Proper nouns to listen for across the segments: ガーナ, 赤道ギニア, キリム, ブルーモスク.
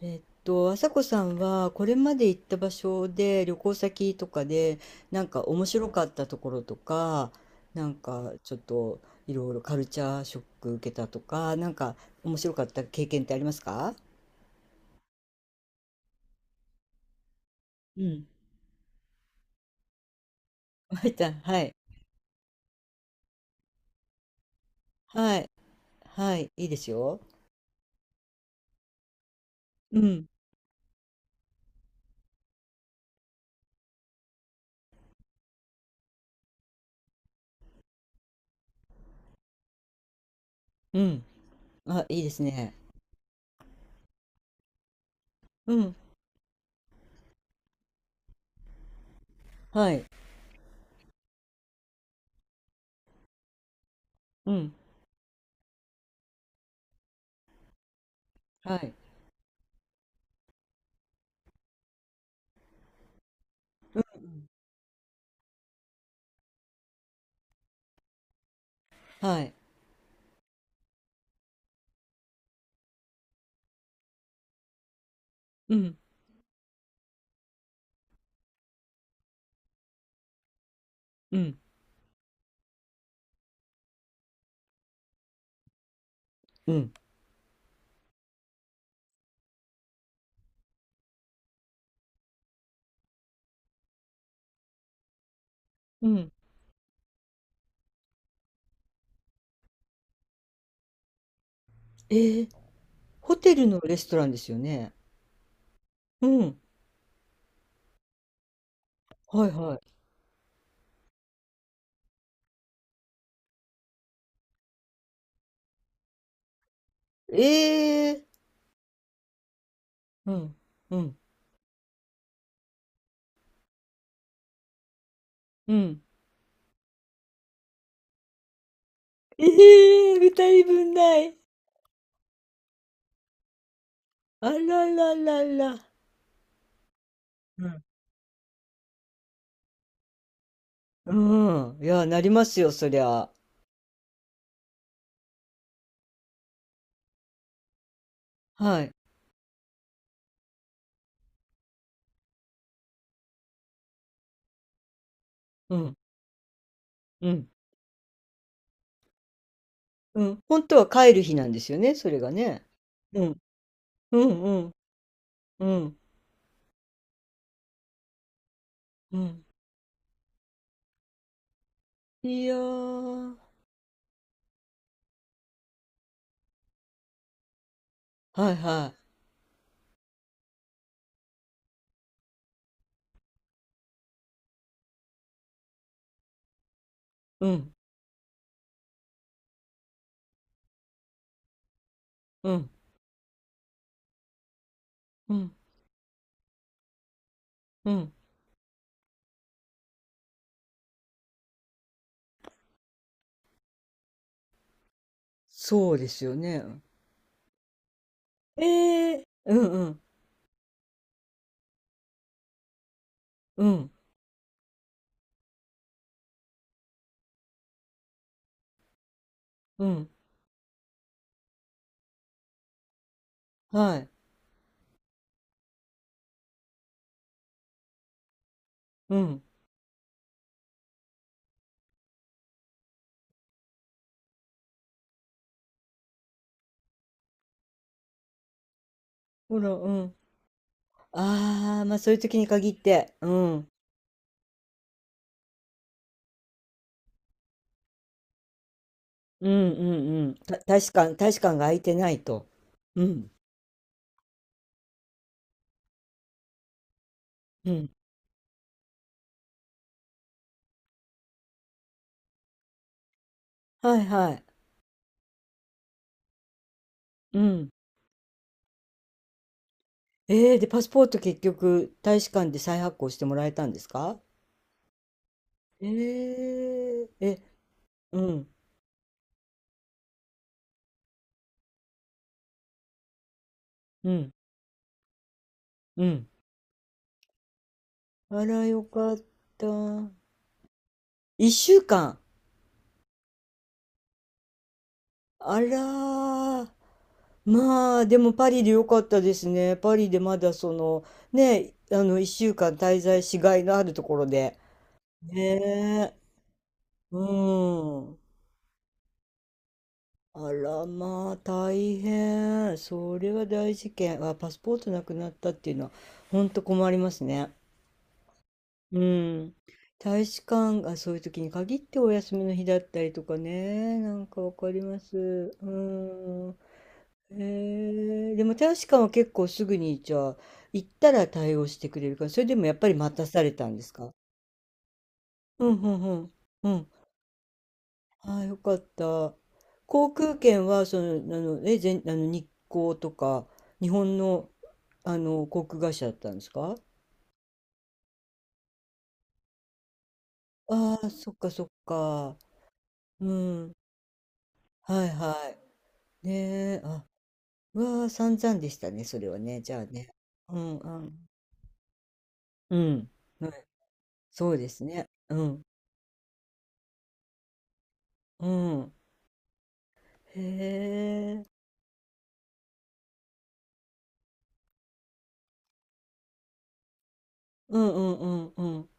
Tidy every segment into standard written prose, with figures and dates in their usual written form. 朝子さんはこれまで行った場所で、旅行先とかで、なんか面白かったところとか、なんかちょっといろいろカルチャーショック受けたとか、なんか面白かった経験ってありますか？うん。まいたん、はい。はい。はい。いいですよ。うん。うん。あ、いいですね。うん。はい。うん。はい。はい。うん。うん。うん。うん。えー、ホテルのレストランですよね。うん。はいはい。ええ、うん、うん、うん、ええ、二人分ない。あらららら。うん。うん、いや、なりますよ、そりゃ。はい。うん、うん、うん。本当は帰る日なんですよね、それがね。うん、うん、うん、うん、うん、いやー、はいはい。うん、うん、うん、うん。そうですよね。ええ、うん、うん、うん、うん、はい。うん、ほら、うん。ああ、まあそういう時に限って、うん、うんうんうん、た、大使館、大使館が空いてないと。うん、うん。はいはい。うん。で、パスポート結局、大使館で再発行してもらえたんですか？えー、え、うん、うん、うん。あら、よかった。一週間。あらー、まあ、でもパリでよかったですね。パリでまだその、ね、あの、一週間滞在しがいのあるところで。ねえ、うん。あらまあ大変。それは大事件。あ、パスポートなくなったっていうのは本当困りますね。うん。大使館がそういう時に限ってお休みの日だったりとかね。なんかわかります。うん。へえ、でも大使館は結構すぐにじゃあ行ったら対応してくれるから、それでもやっぱり待たされたんですか？うんうんうん。うん、ああ、よかった。航空券は、その、あの、え、全、あの、日航とか、日本の、あの、航空会社だったんですか？ああ、そっかそっか。うん。はいはい。ねえ、あ、うわあ、散々でしたね、それはね。じゃあね。うん、うん。うん。はい、そうですね。うん。うん。へえ。うんうんうんうん。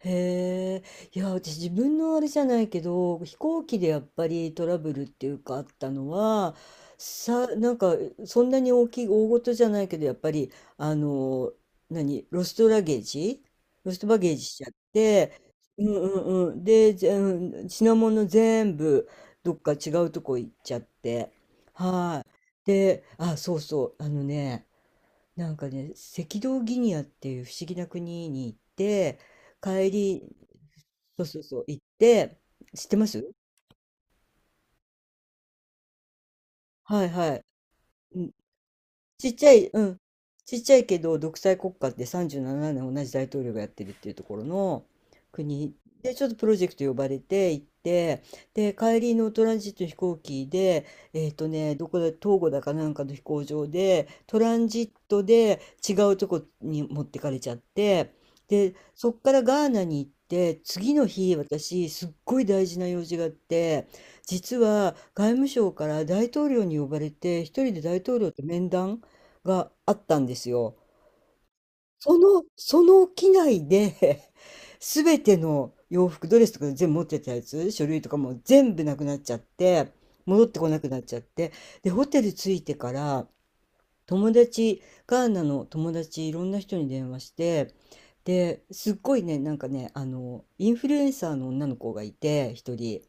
へえ、いや、私自分のあれじゃないけど、飛行機でやっぱりトラブルっていうかあったのは、さ、なんか、そんなに大きい、大事じゃないけど、やっぱり、あの、何、ロストラゲージロストバゲージしちゃって、うんうんうん。で、ぜうん品物全部、どっか違うとこ行っちゃって。はい。で、あ、そうそう、あのね、なんかね、赤道ギニアっていう不思議な国に行って、帰り、そうそうそう、行って、知ってます？はいはい。ん、ちっちゃい、うん。ちっちゃいけど独裁国家って37年同じ大統領がやってるっていうところの国で、ちょっとプロジェクト呼ばれて行って、で帰りのトランジット飛行機で、どこだ、東郷だかなんかの飛行場でトランジットで違うとこに持ってかれちゃって、でそっからガーナに行って、次の日私すっごい大事な用事があって、実は外務省から大統領に呼ばれて一人で大統領と面談があったんですよ。その機内で全 ての洋服、ドレスとか全部持ってたやつ、書類とかも全部なくなっちゃって、戻ってこなくなっちゃって、で、ホテル着いてから、友達、ガーナの友達いろんな人に電話して、で、すっごいね、なんかね、あの、インフルエンサーの女の子がいて、一人。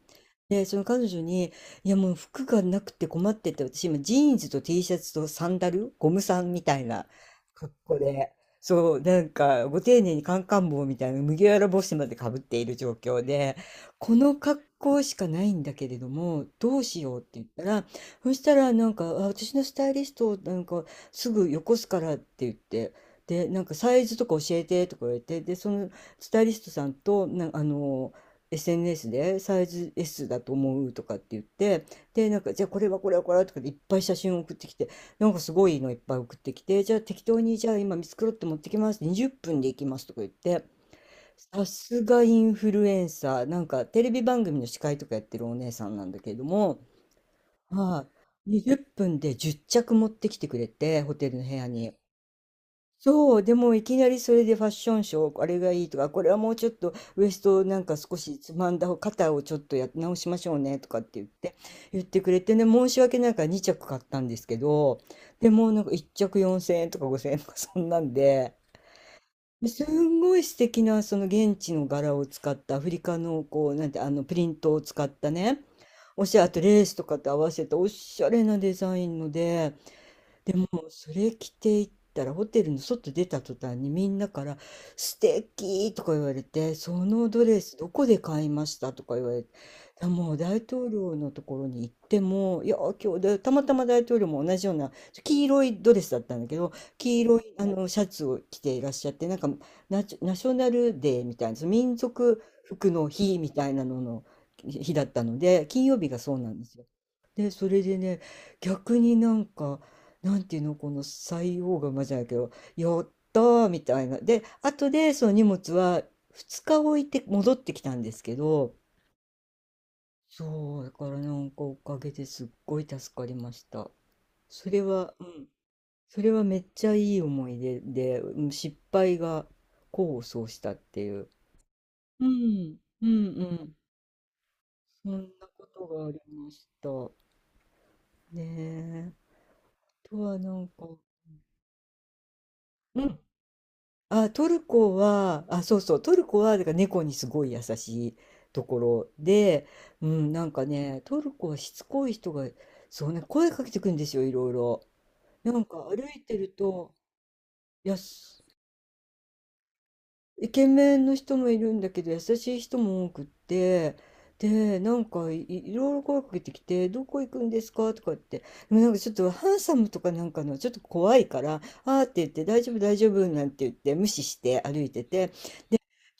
で、その彼女に、いやもう服がなくて困ってて、私今ジーンズと T シャツとサンダル、ゴムさんみたいな格好で、そう、なんかご丁寧にカンカン帽みたいな麦わら帽子までかぶっている状況で、この格好しかないんだけれども、どうしようって言ったら、そしたらなんか、あ、私のスタイリスト、なんかすぐよこすからって言って、で、なんかサイズとか教えてとか言われて、で、そのスタイリストさんと、な、あの、SNS でサイズ S だと思うとかって言って、で、なんか、じゃあこれはこれはこれはとかでいっぱい写真を送ってきて、なんかすごいのいっぱい送ってきて、じゃあ適当に、じゃあ今見繕って持ってきます、20分で行きますとか言って、さすがインフルエンサー、なんかテレビ番組の司会とかやってるお姉さんなんだけれども、はい、20分で10着持ってきてくれて、ホテルの部屋に。そう、でもいきなりそれでファッションショー、あれがいいとか、これはもうちょっとウエストをなんか少しつまんだ方、肩をちょっとや直しましょうねとかって言って、言ってくれてね、申し訳ないから2着買ったんですけど、でもなんか1着4000円とか5000円とかそんなんで、ですんごい素敵なその現地の柄を使ったアフリカのこう、なんてあのプリントを使ったね、おしゃれ、あとレースとかと合わせたおしゃれなデザインので、でもそれ着ていったらホテルの外出た途端にみんなから「素敵」とか言われて、「そのドレスどこで買いました？」とか言われて、あ、もう大統領のところに行っても、いや、今日でたまたま大統領も同じような黄色いドレスだったんだけど、黄色いあのシャツを着ていらっしゃって、なんかナショナルデーみたいなその民族服の日みたいなのの日だったので、金曜日がそうなんですよ。で、それでね、逆になんか、なんていうの、この採用がまじゃないけど、やったーみたいな。で、後でその荷物は2日置いて戻ってきたんですけど、そう、だからなんかおかげですっごい助かりました。それは、うん、それはめっちゃいい思い出で、うん、失敗が功を奏したっていう。うん、うん、うん。そんなことがありました。ねえ。あとはなんか、うん。あ、トルコは、あ、そうそう、トルコは、だから猫にすごい優しいところで、うん、なんかね、トルコはしつこい人が、そうね、声かけてくるんですよ、いろいろ。なんか歩いてると、やす、イケメンの人もいるんだけど、優しい人も多くって、で、いろいろ声かけてきて、どこ行くんですかとかって、でもなんかちょっとハンサムとかなんかの、ちょっと怖いから、あーって言って、大丈夫、大丈夫、なんて言って、無視して歩いてて、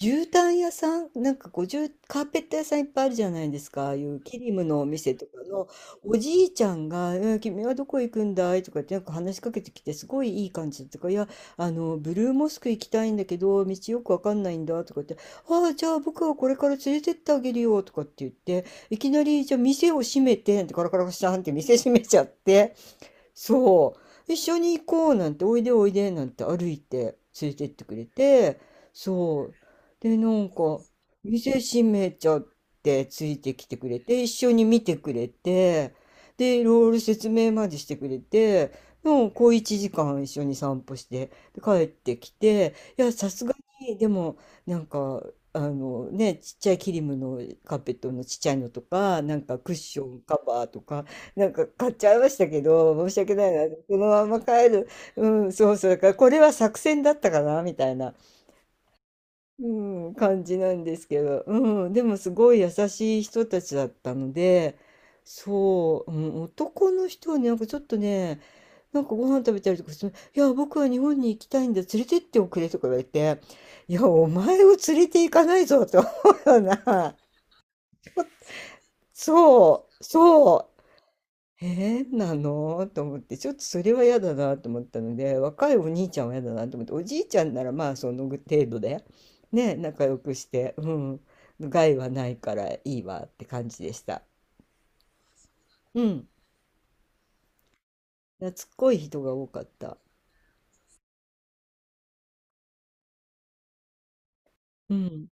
絨毯屋さん、なんかこう、じゅうカーペット屋さんいっぱいあるじゃないですか。ああいうキリムのお店とかの、おじいちゃんが、えー君はどこ行くんだいとかってなんか話しかけてきて、すごいいい感じだったから、いや、あの、ブルーモスク行きたいんだけど、道よくわかんないんだとかって、ああ、じゃあ僕はこれから連れてってあげるよとかって言って、いきなり、じゃあ店を閉めてってガラガラガシャンって店閉めちゃって、そう。一緒に行こうなんて、おいでおいでなんて歩いて連れてってくれて、そう。で、なんか、店閉めちゃってついてきてくれて、一緒に見てくれて、で、ロール説明までしてくれて、もうこう1時間一緒に散歩して、で帰ってきて、いや、さすがに、でも、なんか、あのね、ちっちゃいキリムのカーペットのちっちゃいのとか、なんかクッションカバーとか、なんか買っちゃいましたけど、申し訳ないな。このまま帰る。うん、そうそう。だからこれは作戦だったかなみたいな、うん、感じなんですけど。うん、でもすごい優しい人たちだったので、そう、うん、男の人はね、なんかちょっとね、なんかご飯食べたりとかして、いや、僕は日本に行きたいんだ。連れてっておくれとか言われて、いや、お前を連れて行かないぞ、と思うような。そう、そう。変なのと思って、ちょっとそれは嫌だなと思ったので、若いお兄ちゃんは嫌だなと思って、おじいちゃんならまあその程度で、ね、仲良くして、うん、害はないからいいわって感じでした。うん、懐っこい人が多かった。うん。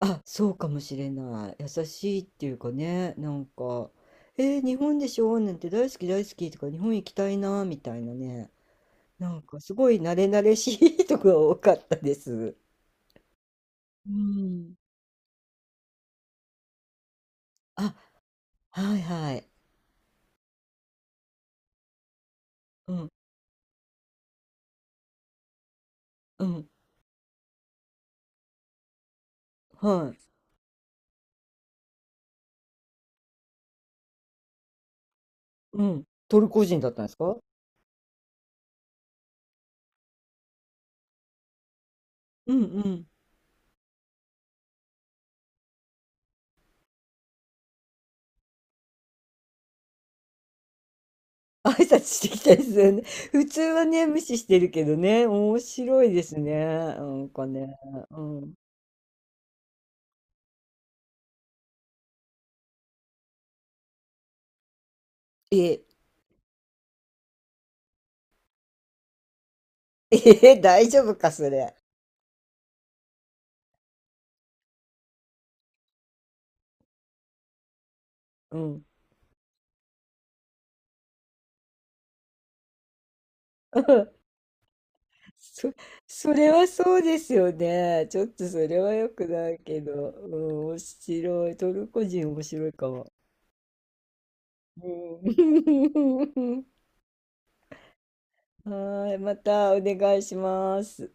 あ、そうかもしれない。優しいっていうかね、なんか、えー日本でしょなんて大好き大好きとか、日本行きたいなみたいなね、なんかすごい慣れ慣れしい人が多かったです。うん。はいはい。うん、うん、はい。うん、トルコ人だったんですか？うん、うん。挨拶してきたですよね。普通はね、無視してるけどね、面白いですね。なんかね。うん。え、え、大丈夫か、それ？うん。うん、そ、それはそうですよね。ちょっとそれは良くないけど、うん、面白い。トルコ人面白いかも。うん、はい、またお願いします。